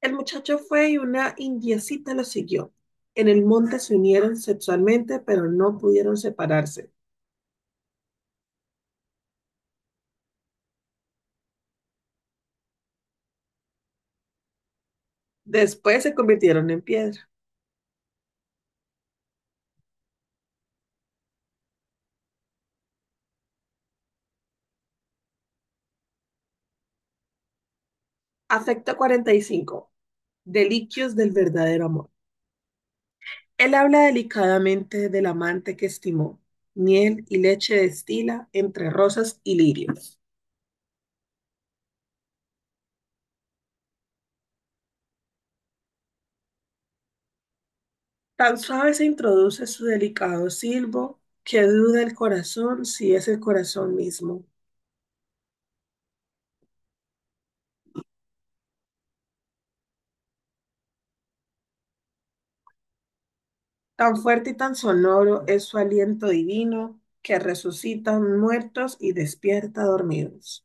El muchacho fue y una indiecita lo siguió. En el monte se unieron sexualmente, pero no pudieron separarse. Después se convirtieron en piedra. Afecto 45. Deliquios del verdadero amor. Él habla delicadamente del amante que estimó. Miel y leche destila entre rosas y lirios. Tan suave se introduce su delicado silbo que duda el corazón si es el corazón mismo. Tan fuerte y tan sonoro es su aliento divino que resucita muertos y despierta dormidos.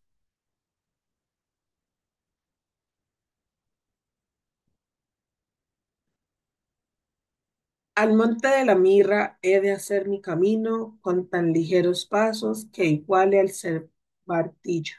Al monte de la mirra he de hacer mi camino con tan ligeros pasos que iguale al ser martillo.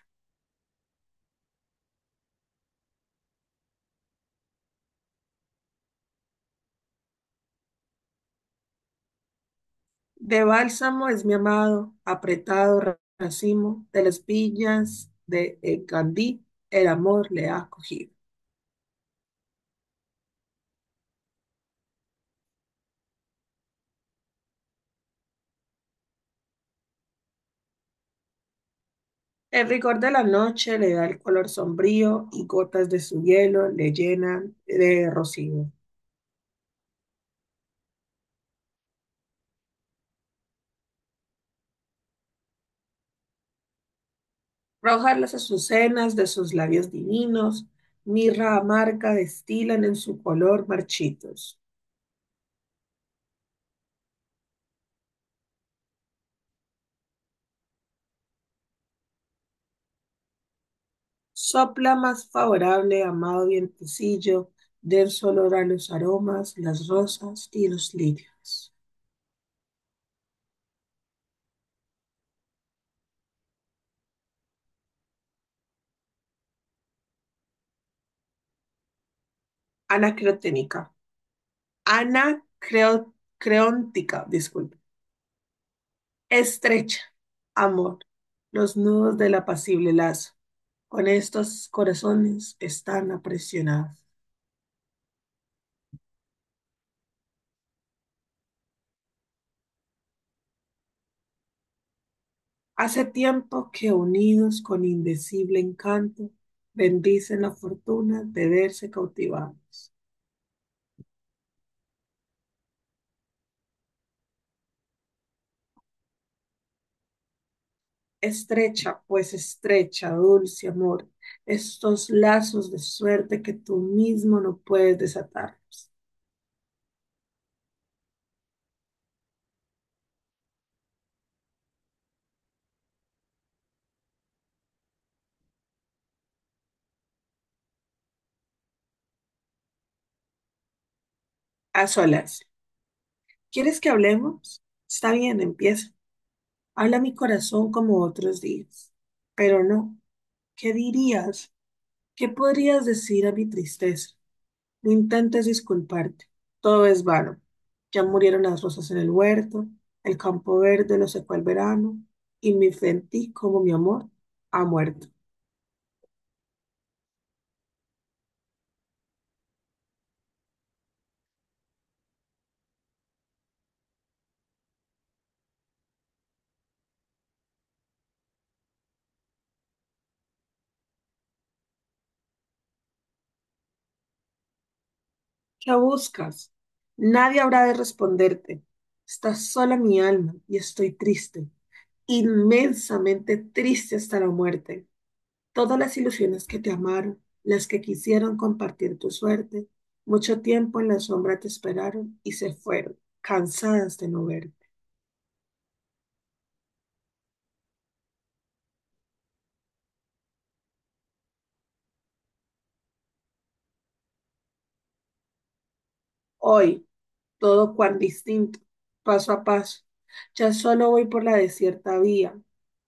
De bálsamo es mi amado, apretado racimo de las viñas de Gandí, el amor le ha cogido. El rigor de la noche le da el color sombrío y gotas de su hielo le llenan de rocío. Rojas las azucenas de sus labios divinos, mirra amarga destilan en su color marchitos. Sopla más favorable, amado vientecillo, denso olor a los aromas, las rosas y los lirios. Anacreónica. Anacreóntica, disculpe. Estrecha, amor, los nudos del apacible lazo. Con estos corazones están apresionados. Hace tiempo que unidos con indecible encanto, bendicen la fortuna de verse cautivados. Estrecha, pues estrecha, dulce amor, estos lazos de suerte que tú mismo no puedes desatarlos. A solas, ¿quieres que hablemos? Está bien, empieza. Habla mi corazón como otros días. Pero no, ¿qué dirías? ¿Qué podrías decir a mi tristeza? No intentes disculparte, todo es vano. Ya murieron las rosas en el huerto, el campo verde lo secó el verano, y mi fe en ti, como mi amor, ha muerto. ¿Qué buscas? Nadie habrá de responderte. Está sola mi alma y estoy triste, inmensamente triste hasta la muerte. Todas las ilusiones que te amaron, las que quisieron compartir tu suerte, mucho tiempo en la sombra te esperaron y se fueron, cansadas de no verte. Hoy, todo cuán distinto, paso a paso. Ya solo voy por la desierta vía,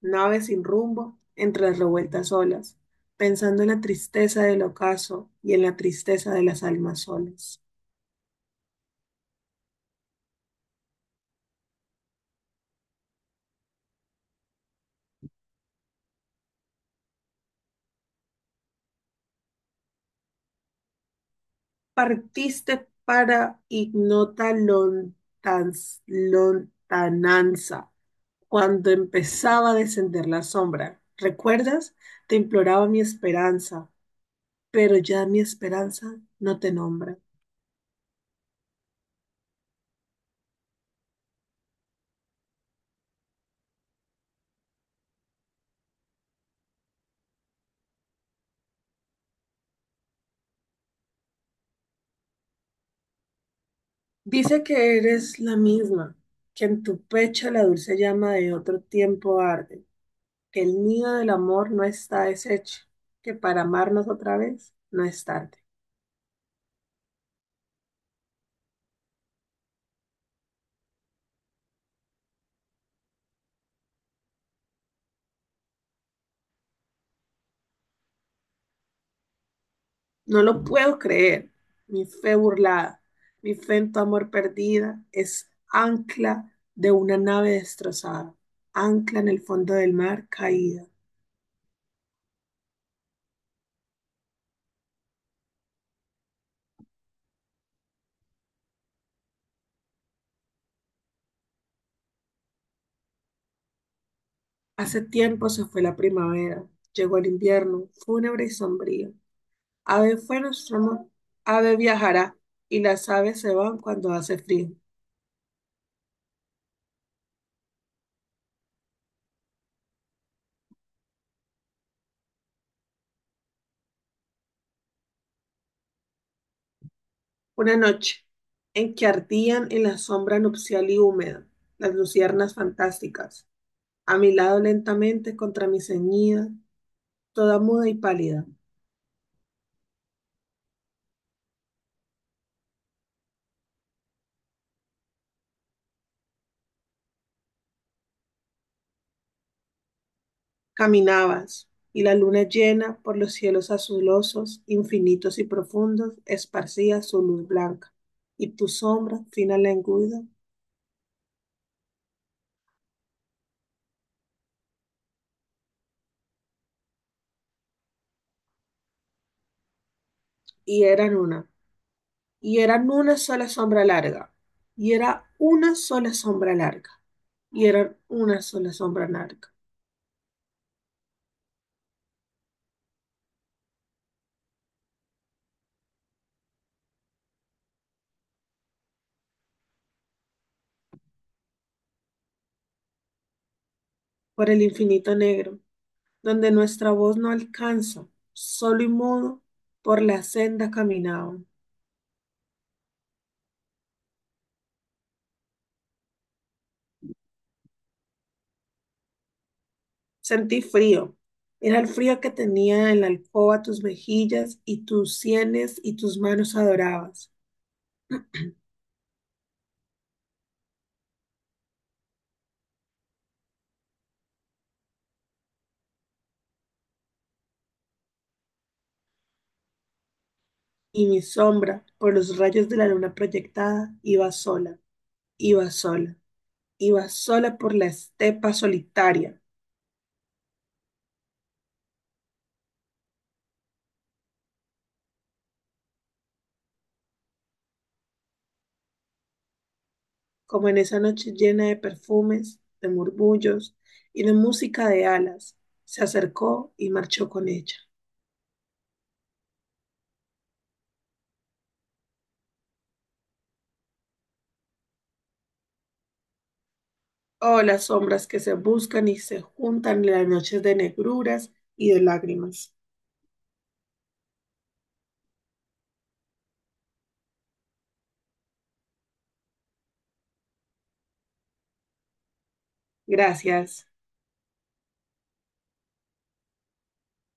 nave sin rumbo, entre las revueltas olas, pensando en la tristeza del ocaso y en la tristeza de las almas solas. Partiste para lontananza, cuando empezaba a descender la sombra. ¿Recuerdas? Te imploraba mi esperanza, pero ya mi esperanza no te nombra. Dice que eres la misma, que en tu pecho la dulce llama de otro tiempo arde, que el nido del amor no está deshecho, que para amarnos otra vez no es tarde. No lo puedo creer, mi fe burlada, mi fe en tu amor perdida es ancla de una nave destrozada, ancla en el fondo del mar caída. Hace tiempo se fue la primavera, llegó el invierno, fúnebre y sombrío. Ave fue nuestro amor, ave viajará, y las aves se van cuando hace frío. Una noche en que ardían en la sombra nupcial y húmeda las luciernas fantásticas, a mi lado lentamente contra mi ceñida, toda muda y pálida, caminabas, y la luna llena por los cielos azulosos, infinitos y profundos, esparcía su luz blanca, y tu sombra fina lenguda, y eran una, y eran una sola sombra larga, y era una sola sombra larga, y eran una sola sombra larga, por el infinito negro, donde nuestra voz no alcanza, solo y mudo, por la senda caminaban. Sentí frío, era el frío que tenía en la alcoba tus mejillas y tus sienes y tus manos adorabas, y mi sombra, por los rayos de la luna proyectada, iba sola, iba sola, iba sola por la estepa solitaria, como en esa noche llena de perfumes, de murmullos y de música de alas, se acercó y marchó con ella. Oh, las sombras que se buscan y se juntan en las noches de negruras y de lágrimas. Gracias.